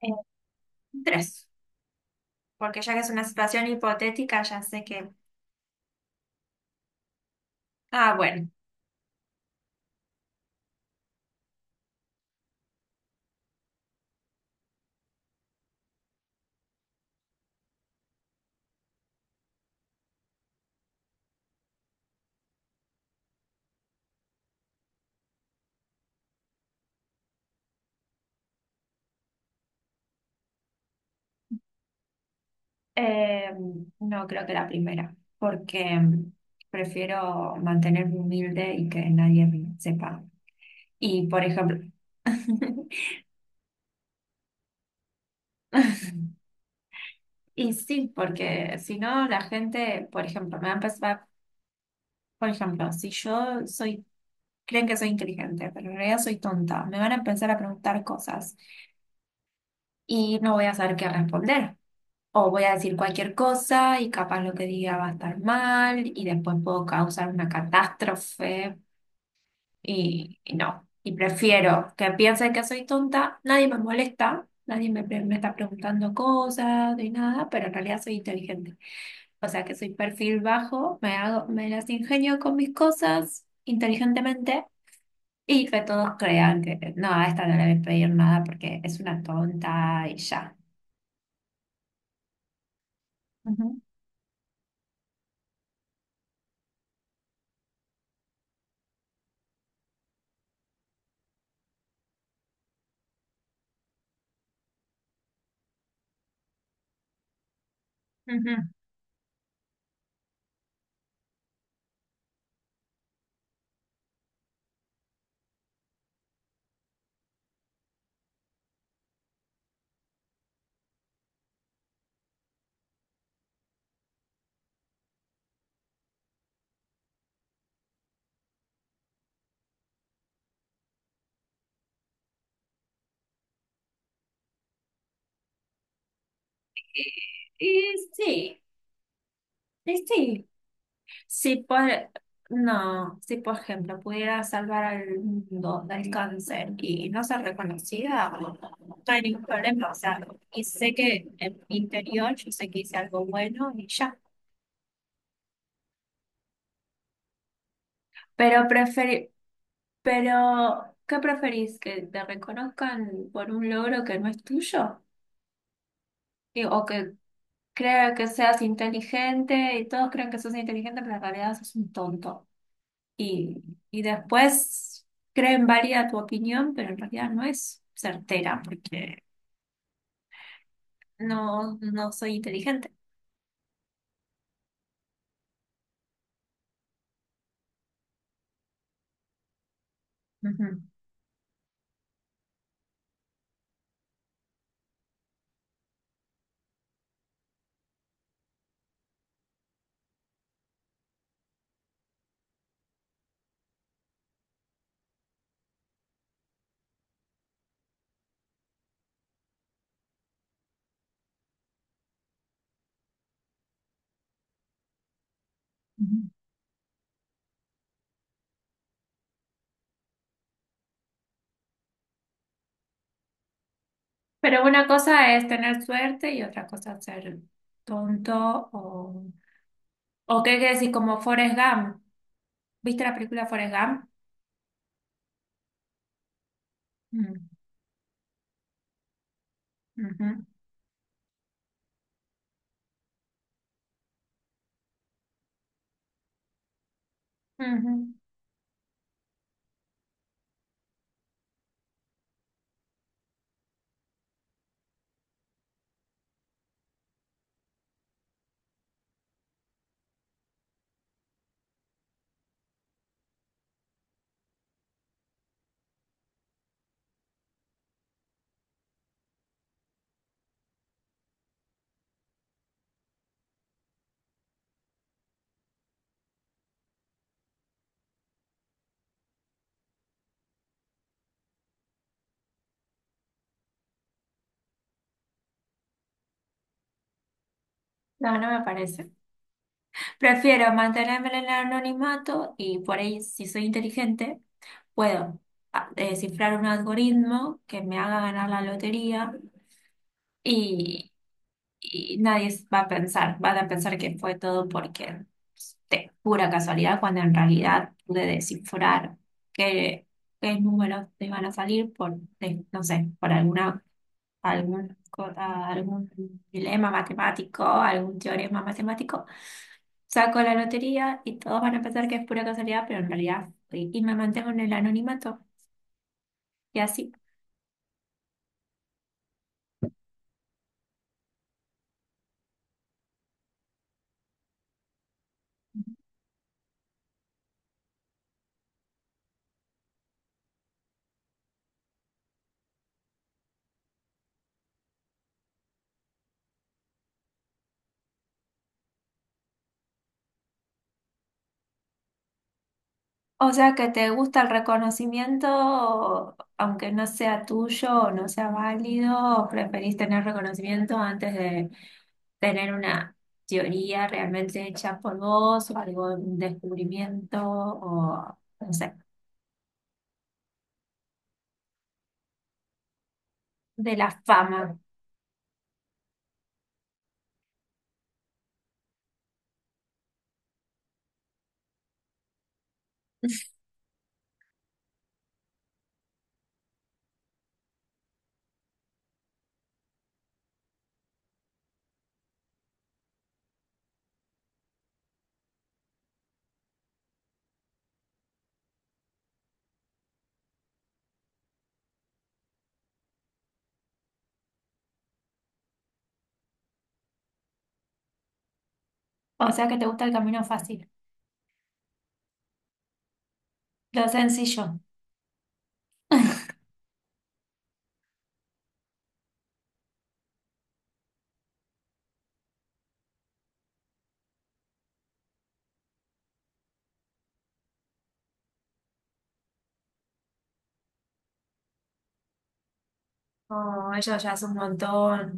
Eh, tres, porque ya que es una situación hipotética, ya sé que... Ah, bueno, eh, no creo que la primera, porque prefiero mantenerme humilde y que nadie me sepa. Y, por ejemplo, y sí, porque si no, la gente, por ejemplo, me va a empezar, por ejemplo, si yo soy, creen que soy inteligente, pero en realidad soy tonta, me van a empezar a preguntar cosas y no voy a saber qué responder. O voy a decir cualquier cosa y capaz lo que diga va a estar mal y después puedo causar una catástrofe y no. Y prefiero que piensen que soy tonta, nadie me molesta, nadie me, pre- me está preguntando cosas ni nada, pero en realidad soy inteligente. O sea que soy perfil bajo, me hago, me las ingenio con mis cosas inteligentemente. Y que todos crean que no, a esta no le voy a pedir nada porque es una tonta y ya. Ujú, ujú. Y sí, y sí. Si por, no, si por ejemplo pudiera salvar al mundo del cáncer y no ser reconocida, no hay ningún problema. O sea, y sé que en mi interior yo sé que hice algo bueno y ya. Pero preferi- pero, ¿qué preferís? ¿Que te reconozcan por un logro que no es tuyo? O que crea que seas inteligente y todos crean que sos inteligente, pero en realidad sos un tonto. Y, y después creen válida tu opinión, pero en realidad no es certera porque no soy inteligente. Ujú. Ujú. Pero una cosa es tener suerte y otra cosa es ser tonto o... ¿O qué quiere decir? Como Forrest Gump. ¿Viste la película Forrest Gump? Mm. Ujú. Ujú. No, no me parece. Prefiero mantenerme en el anonimato y por ahí, si soy inteligente, puedo descifrar un algoritmo que me haga ganar la lotería y, y nadie va a pensar, van a pensar que fue todo porque pues, de pura casualidad, cuando en realidad pude descifrar qué, qué números te iban a salir no sé, por alguna, algún, co- ah, algún dilema matemático, algún teorema matemático. Saco la lotería y todos van a pensar que es pura casualidad, y me mantengo en el anonimato. Y así. O sea que te gusta el reconocimiento, aunque no sea tuyo o no sea válido, o preferís tener reconocimiento antes de tener una teoría realmente hecha por vos, o algo, un descubrimiento, o no sé, de la fama. O sea que te gusta el camino fácil, lo sencillo. Oh, eso ya es un montón.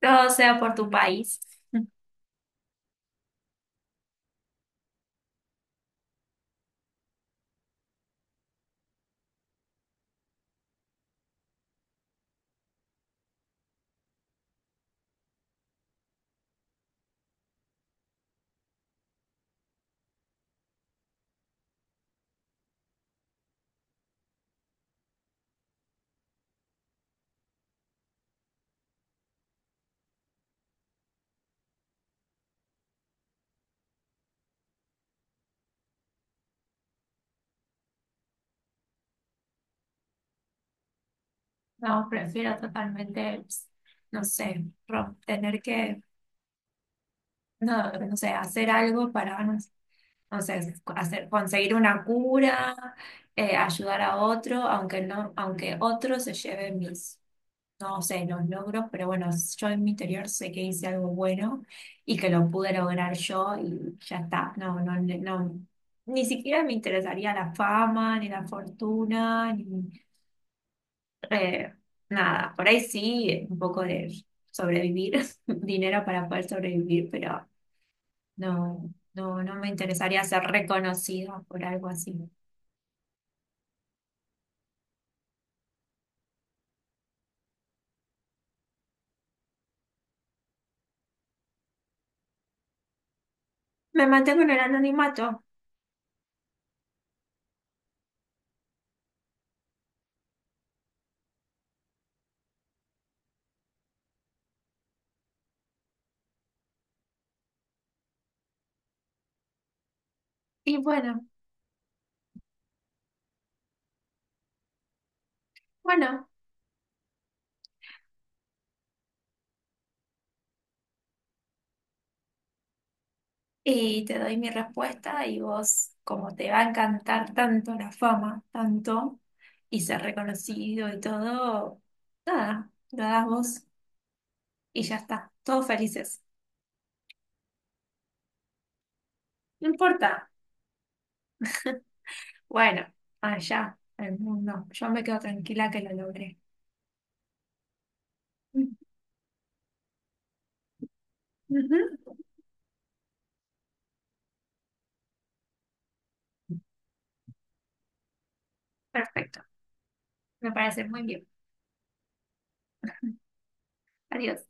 Todo sea por tu país. No, prefiero totalmente, no sé, rom- tener que No, no sé, hacer algo para, no sé, no sé, hacer, conseguir una cura, ayudar a otro, aunque no, aunque otro se lleve mis, no sé, los logros, pero bueno, yo en mi interior sé que hice algo bueno y que lo pude lograr yo y ya está. No, no, no, ni siquiera me interesaría la fama, ni la fortuna, ni eh, nada. Por ahí sí, un poco de sobrevivir, dinero para poder sobrevivir, pero no, no, no me interesaría ser reconocida por algo así. Me mantengo en el anonimato. Y bueno, y te doy mi respuesta y vos, como te va a encantar tanto la fama, tanto, y ser reconocido y todo, nada, lo das vos y ya está, todos felices. No importa. Bueno, allá, el mundo. Yo me quedo tranquila que lo logré. Ujú. Perfecto, me parece muy bien. Adiós.